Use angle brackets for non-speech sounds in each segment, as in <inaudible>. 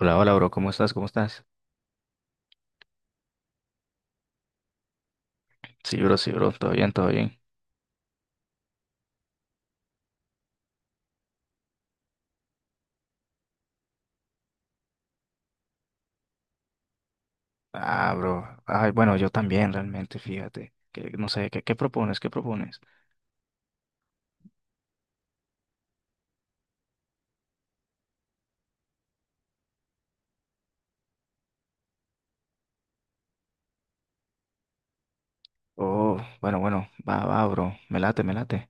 Hola, hola, bro, ¿cómo estás? Sí, bro, todo bien, todo bien. Ah, bro, ay, bueno, yo también realmente, fíjate, que no sé, ¿qué propones? Oh, bueno, va, bro, me late, me late.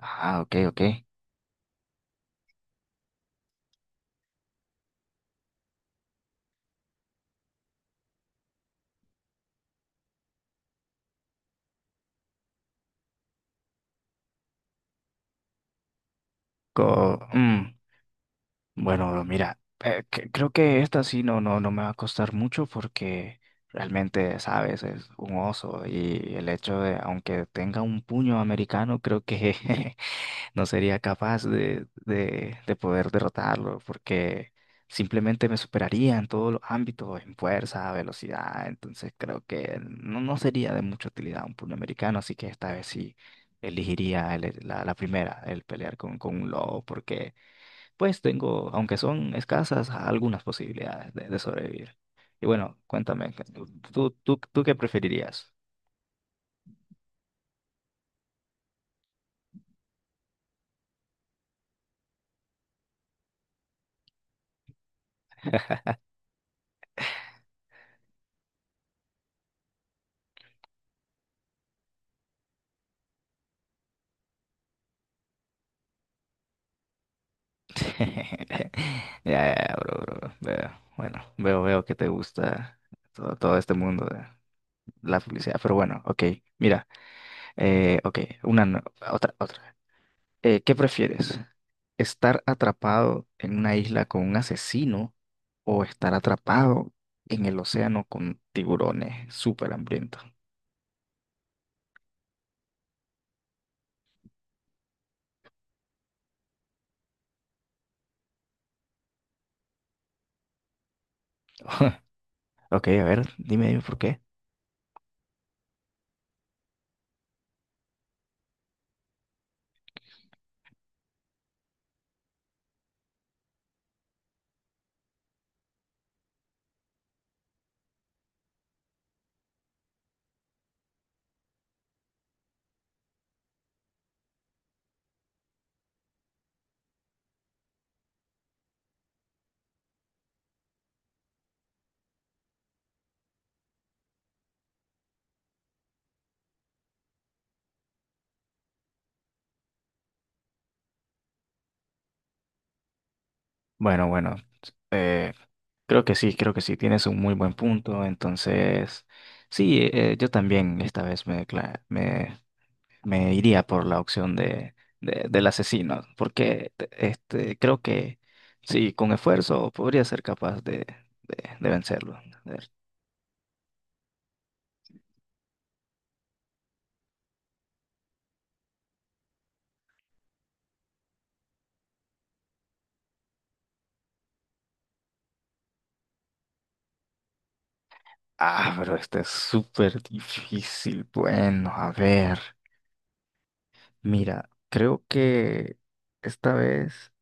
Ah, ok, ok. Co- mm, Bueno, bro, mira, creo que esta sí no me va a costar mucho porque realmente, sabes, es un oso y el hecho de, aunque tenga un puño americano, creo que <laughs> no sería capaz de poder derrotarlo porque simplemente me superaría en todos los ámbitos, en fuerza, velocidad. Entonces creo que no sería de mucha utilidad un puroamericano, así que esta vez sí elegiría la primera, el pelear con un lobo, porque pues tengo, aunque son escasas, algunas posibilidades de sobrevivir. Y bueno, cuéntame, ¿tú qué preferirías? <laughs> Ya, ya, ya, bro, bro, bro. Veo, bueno, veo que te gusta todo, todo este mundo de la publicidad. Pero bueno, ok, mira, ok, otra, otra. ¿Qué prefieres? ¿Estar atrapado en una isla con un asesino o estar atrapado en el océano con tiburones súper hambrientos? <laughs> Ok, a ver, dime, dime por qué. Bueno, eh, creo que sí, creo que sí, tienes un muy buen punto. Entonces, sí, yo también esta vez me iría por la opción del asesino, porque este, creo que sí, con esfuerzo podría ser capaz de vencerlo. A ver. Ah, pero este es súper difícil. Bueno, a ver, mira, creo que esta vez,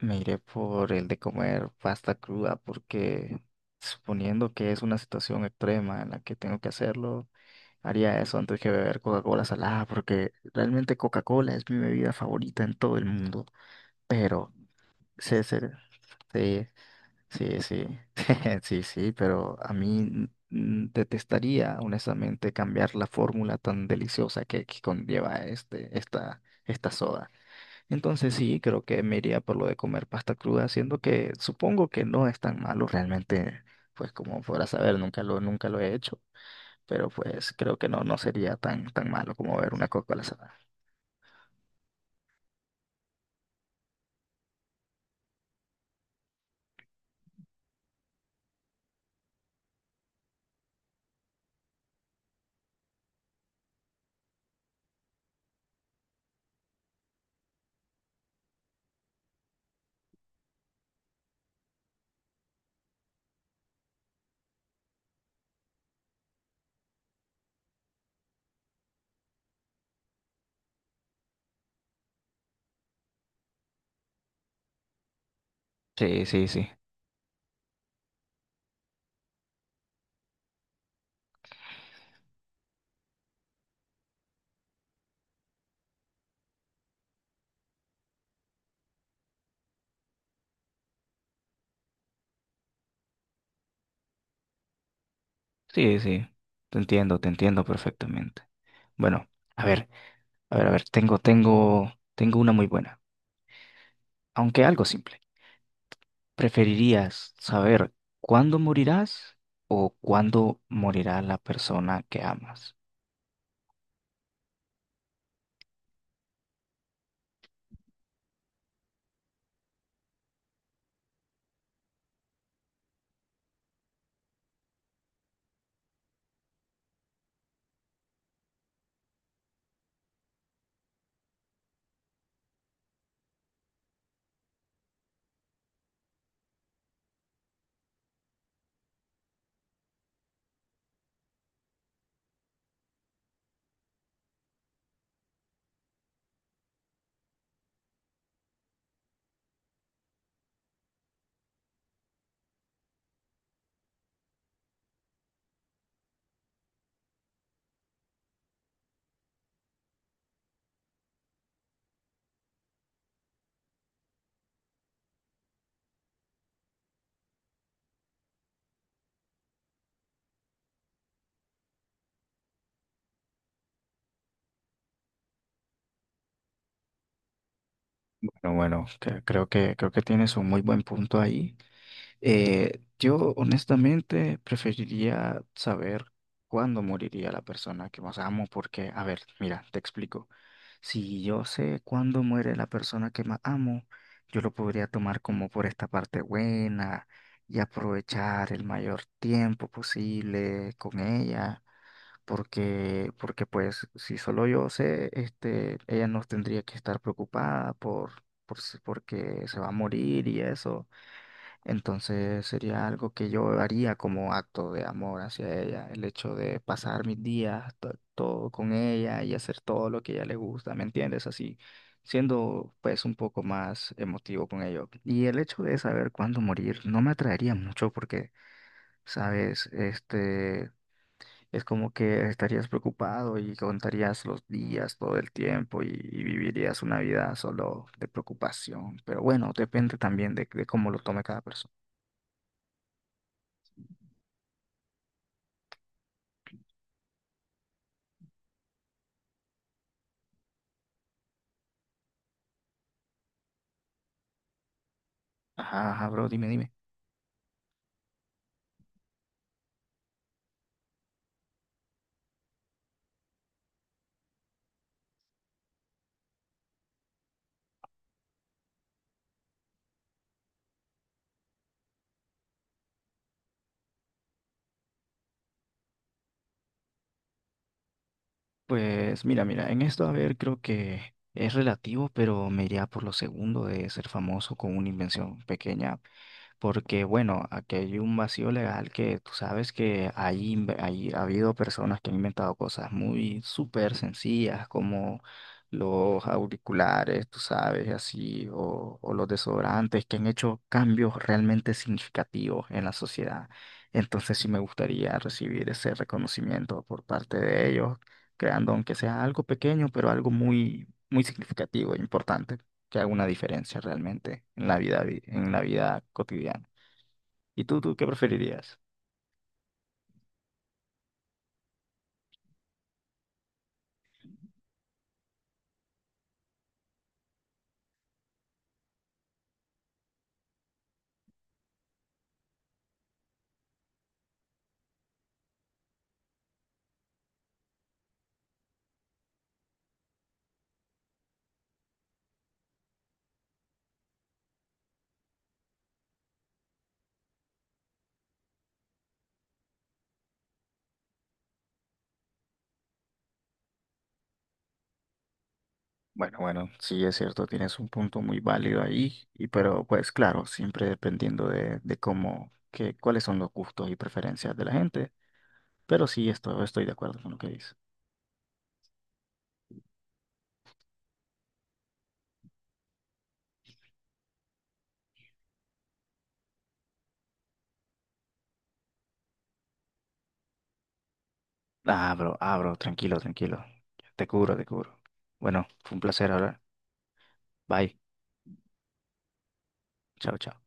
me iré por el de comer pasta cruda porque suponiendo que es una situación extrema en la que tengo que hacerlo, haría eso antes que beber Coca-Cola salada porque realmente Coca-Cola es mi bebida favorita en todo el mundo. Pero, sí, sí, sí, sí, sí, <laughs> sí, sí, pero a mí, detestaría honestamente cambiar la fórmula tan deliciosa que conlleva esta soda. Entonces sí, creo que me iría por lo de comer pasta cruda, siendo que supongo que no es tan malo realmente, pues como podrás saber, nunca lo he hecho, pero pues creo que no, no sería tan, tan malo como ver una Coca-Cola salada. Sí, sí, sí. Sí, sí. Te entiendo perfectamente. Bueno, a ver, a ver, tengo, tengo una muy buena, aunque algo simple. ¿Preferirías saber cuándo morirás o cuándo morirá la persona que amas? Pero bueno, creo que tienes un muy buen punto ahí. Yo honestamente preferiría saber cuándo moriría la persona que más amo, porque, a ver, mira, te explico. Si yo sé cuándo muere la persona que más amo, yo lo podría tomar como por esta parte buena y aprovechar el mayor tiempo posible con ella porque pues si solo yo sé, este, ella no tendría que estar preocupada por si- porque se va a morir y eso. Entonces sería algo que yo haría como acto de amor hacia ella, el hecho de pasar mis días todo con ella y hacer todo lo que a ella le gusta, ¿me entiendes? Así, siendo pues un poco más emotivo con ello. Y el hecho de saber cuándo morir no me atraería mucho porque... Sabes, este, es como que estarías preocupado y contarías los días todo el tiempo y vivirías una vida solo de preocupación. Pero bueno, depende también de cómo lo tome cada persona. Ajá, ajá, bro, dime, dime. Pues mira, mira, en esto, a ver, creo que es relativo, pero me iría por lo segundo de ser famoso con una invención pequeña, porque bueno, aquí hay un vacío legal que tú sabes que hay, ha habido personas que han inventado cosas muy súper sencillas como los auriculares, tú sabes, y así, o los desodorantes, que han hecho cambios realmente significativos en la sociedad. Entonces sí me gustaría recibir ese reconocimiento por parte de ellos creando aunque sea algo pequeño, pero algo muy, muy significativo e importante, que haga una diferencia realmente en la vida, en la vida cotidiana. ¿Y tú qué preferirías? Bueno, bueno, sí es cierto, tienes un punto muy válido ahí, y pero pues claro, siempre dependiendo de cómo, que, cuáles son los gustos y preferencias de la gente, pero sí esto, estoy de acuerdo con lo que dices. Ah, bro, tranquilo, tranquilo. Te cubro, te cubro. Bueno, fue un placer hablar. Bye. Chao, chao.